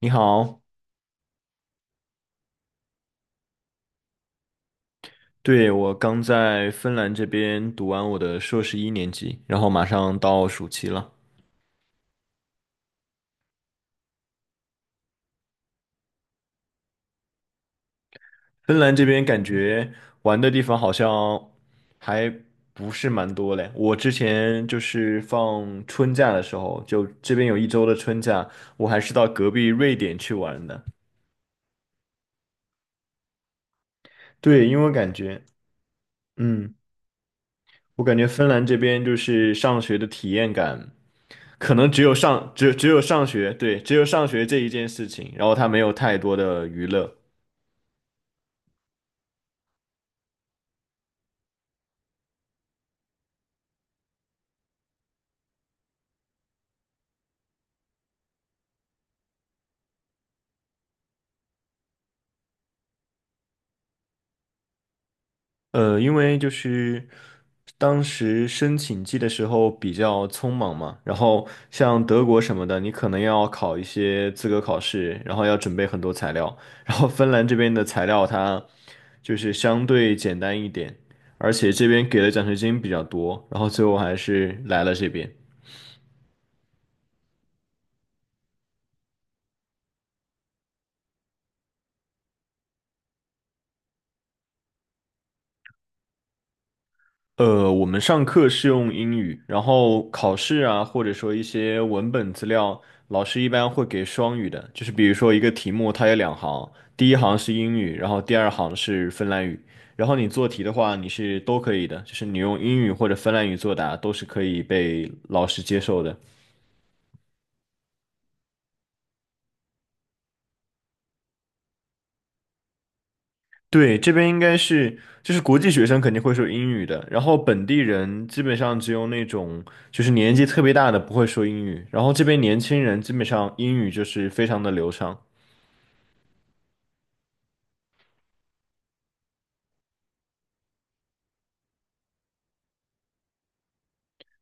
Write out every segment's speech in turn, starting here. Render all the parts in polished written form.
你好，对，我刚在芬兰这边读完我的硕士1年级，然后马上到暑期了。芬兰这边感觉玩的地方好像还不是蛮多嘞。我之前就是放春假的时候，就这边有1周的春假，我还是到隔壁瑞典去玩的。对，因为我感觉，嗯，我感觉芬兰这边就是上学的体验感。可能只有上只只有上学，对，只有上学这一件事情，然后他没有太多的娱乐。因为就是当时申请季的时候比较匆忙嘛，然后像德国什么的，你可能要考一些资格考试，然后要准备很多材料，然后芬兰这边的材料它就是相对简单一点，而且这边给的奖学金比较多，然后最后还是来了这边。我们上课是用英语，然后考试啊，或者说一些文本资料，老师一般会给双语的，就是比如说一个题目，它有两行，第一行是英语，然后第二行是芬兰语，然后你做题的话，你是都可以的，就是你用英语或者芬兰语作答都是可以被老师接受的。对，这边应该是就是国际学生肯定会说英语的，然后本地人基本上只有那种就是年纪特别大的不会说英语，然后这边年轻人基本上英语就是非常的流畅。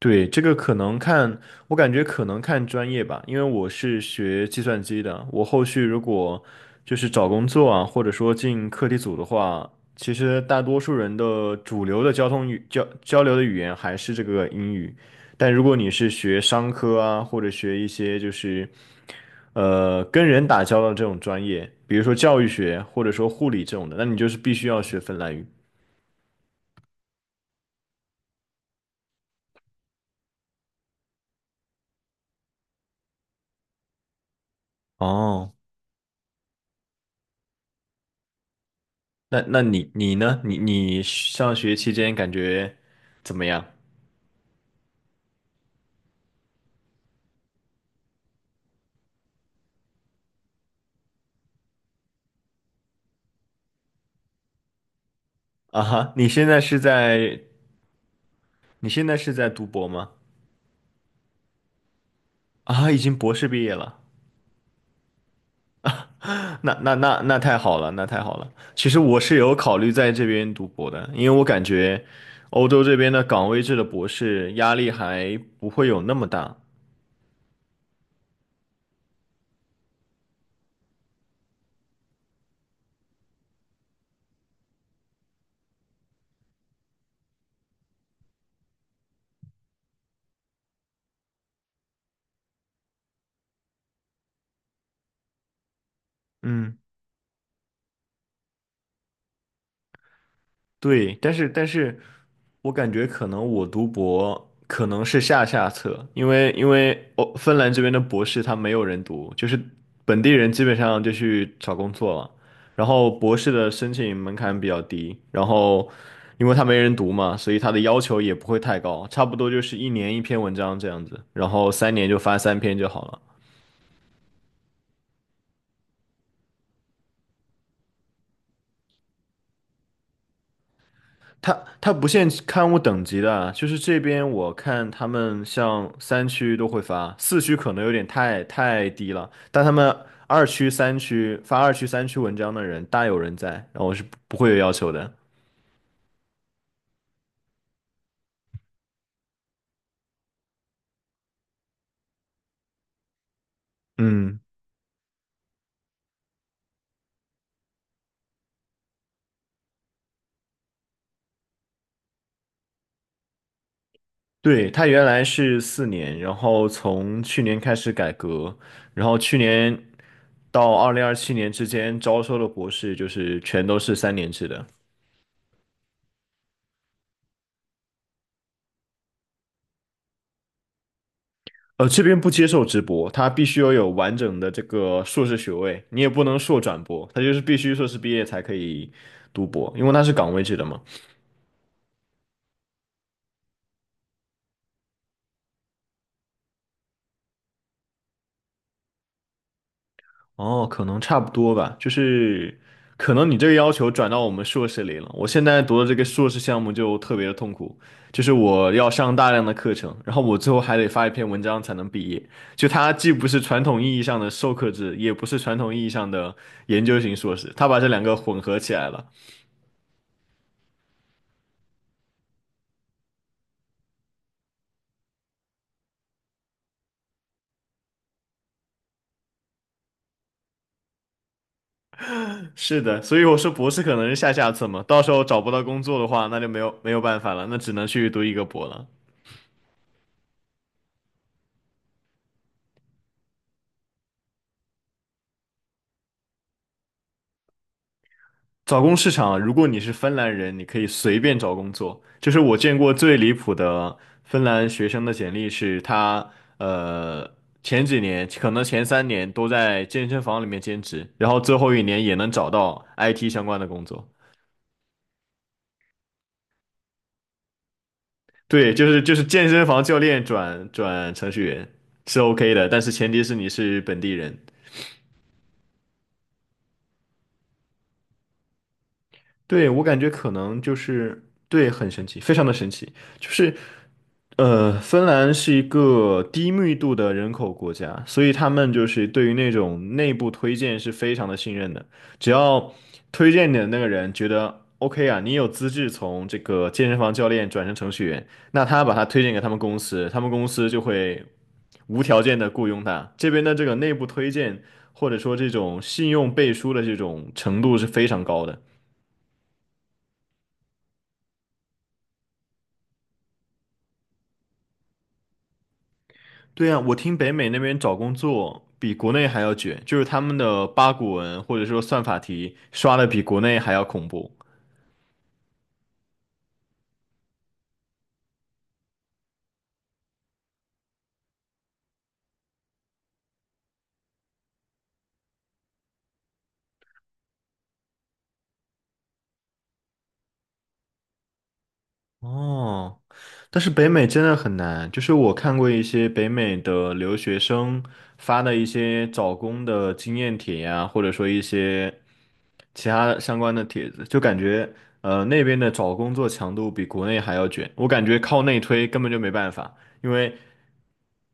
对，这个可能看，我感觉可能看专业吧，因为我是学计算机的，我后续如果就是找工作啊，或者说进课题组的话，其实大多数人的主流的交流的语言还是这个英语，但如果你是学商科啊，或者学一些就是跟人打交道的这种专业，比如说教育学或者说护理这种的，那你就是必须要学芬兰语。哦。那你呢？你上学期间感觉怎么样？啊哈，你现在是在读博吗？啊，已经博士毕业了。那太好了，那太好了。其实我是有考虑在这边读博的，因为我感觉欧洲这边的岗位制的博士压力还不会有那么大。嗯。对，但是我感觉可能我读博可能是下下策，因为，芬兰这边的博士他没有人读，就是本地人基本上就去找工作了，然后博士的申请门槛比较低，然后因为他没人读嘛，所以他的要求也不会太高，差不多就是1年1篇文章这样子，然后3年就发3篇就好了。它它不限刊物等级的啊，就是这边我看他们像三区都会发，4区可能有点太低了，但他们2区、3区发2区、3区文章的人大有人在，然后我是不会有要求的。嗯，对，他原来是四年，然后从去年开始改革，然后去年到2027年之间招收的博士就是全都是3年制的。这边不接受直播，他必须要有完整的这个硕士学位，你也不能硕转博，他就是必须硕士毕业才可以读博，因为他是岗位制的嘛。哦，可能差不多吧，就是可能你这个要求转到我们硕士里了。我现在读的这个硕士项目就特别的痛苦，就是我要上大量的课程，然后我最后还得发一篇文章才能毕业。就它既不是传统意义上的授课制，也不是传统意义上的研究型硕士，它把这两个混合起来了。是的，所以我说博士可能是下下策嘛，到时候找不到工作的话，那就没有办法了，那只能去读一个博了。找工市场啊，如果你是芬兰人，你可以随便找工作。就是我见过最离谱的芬兰学生的简历是他，呃，前几年可能前3年都在健身房里面兼职，然后最后1年也能找到 IT 相关的工作。对，就是健身房教练转程序员是 OK 的，但是前提是你是本地人。对，我感觉可能就是对，很神奇，非常的神奇。就是，芬兰是一个低密度的人口国家，所以他们就是对于那种内部推荐是非常的信任的。只要推荐你的那个人觉得 OK 啊，你有资质从这个健身房教练转成程序员，那他把他推荐给他们公司，他们公司就会无条件的雇佣他。这边的这个内部推荐或者说这种信用背书的这种程度是非常高的。对呀，我听北美那边找工作比国内还要卷，就是他们的八股文或者说算法题刷的比国内还要恐怖。哦，但是北美真的很难，就是我看过一些北美的留学生发的一些找工的经验帖呀，或者说一些。其他相关的帖子，就感觉那边的找工作强度比国内还要卷，我感觉靠内推根本就没办法，因为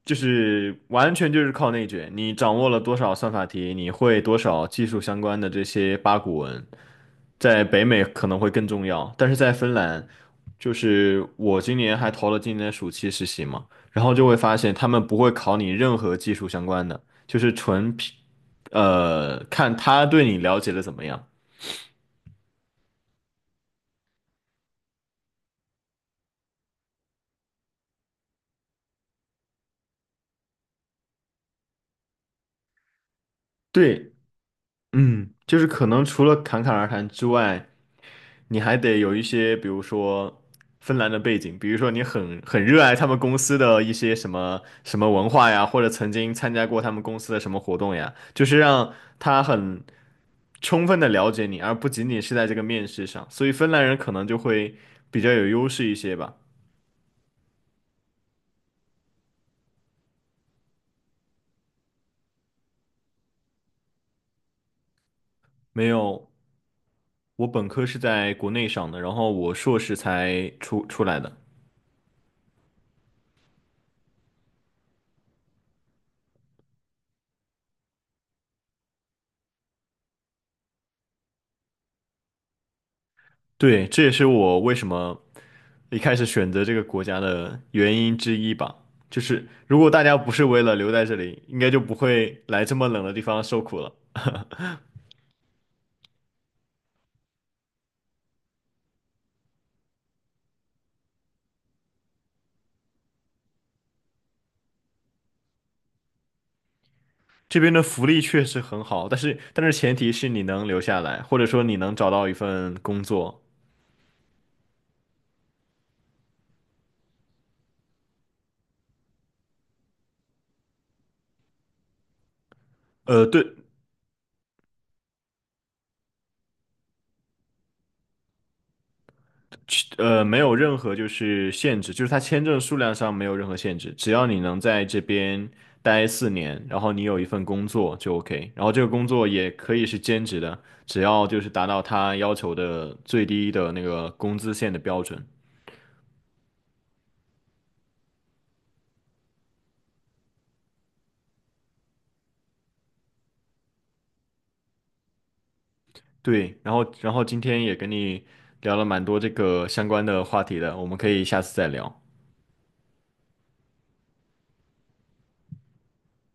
就是完全就是靠内卷，你掌握了多少算法题，你会多少技术相关的这些八股文，在北美可能会更重要，但是在芬兰，就是我今年还投了今年的暑期实习嘛，然后就会发现他们不会考你任何技术相关的，就是纯凭。看他对你了解的怎么样。对，嗯，就是可能除了侃侃而谈之外，你还得有一些，比如说芬兰的背景，比如说你很热爱他们公司的一些什么什么文化呀，或者曾经参加过他们公司的什么活动呀，就是让他很充分的了解你，而不仅仅是在这个面试上，所以芬兰人可能就会比较有优势一些吧。没有，我本科是在国内上的，然后我硕士才出来的。对，这也是我为什么一开始选择这个国家的原因之一吧。就是如果大家不是为了留在这里，应该就不会来这么冷的地方受苦了。这边的福利确实很好，但是前提是你能留下来，或者说你能找到一份工作。对，没有任何就是限制，就是它签证数量上没有任何限制，只要你能在这边待四年，然后你有一份工作就 OK，然后这个工作也可以是兼职的，只要就是达到他要求的最低的那个工资线的标准。对，然后今天也跟你聊了蛮多这个相关的话题的，我们可以下次再聊。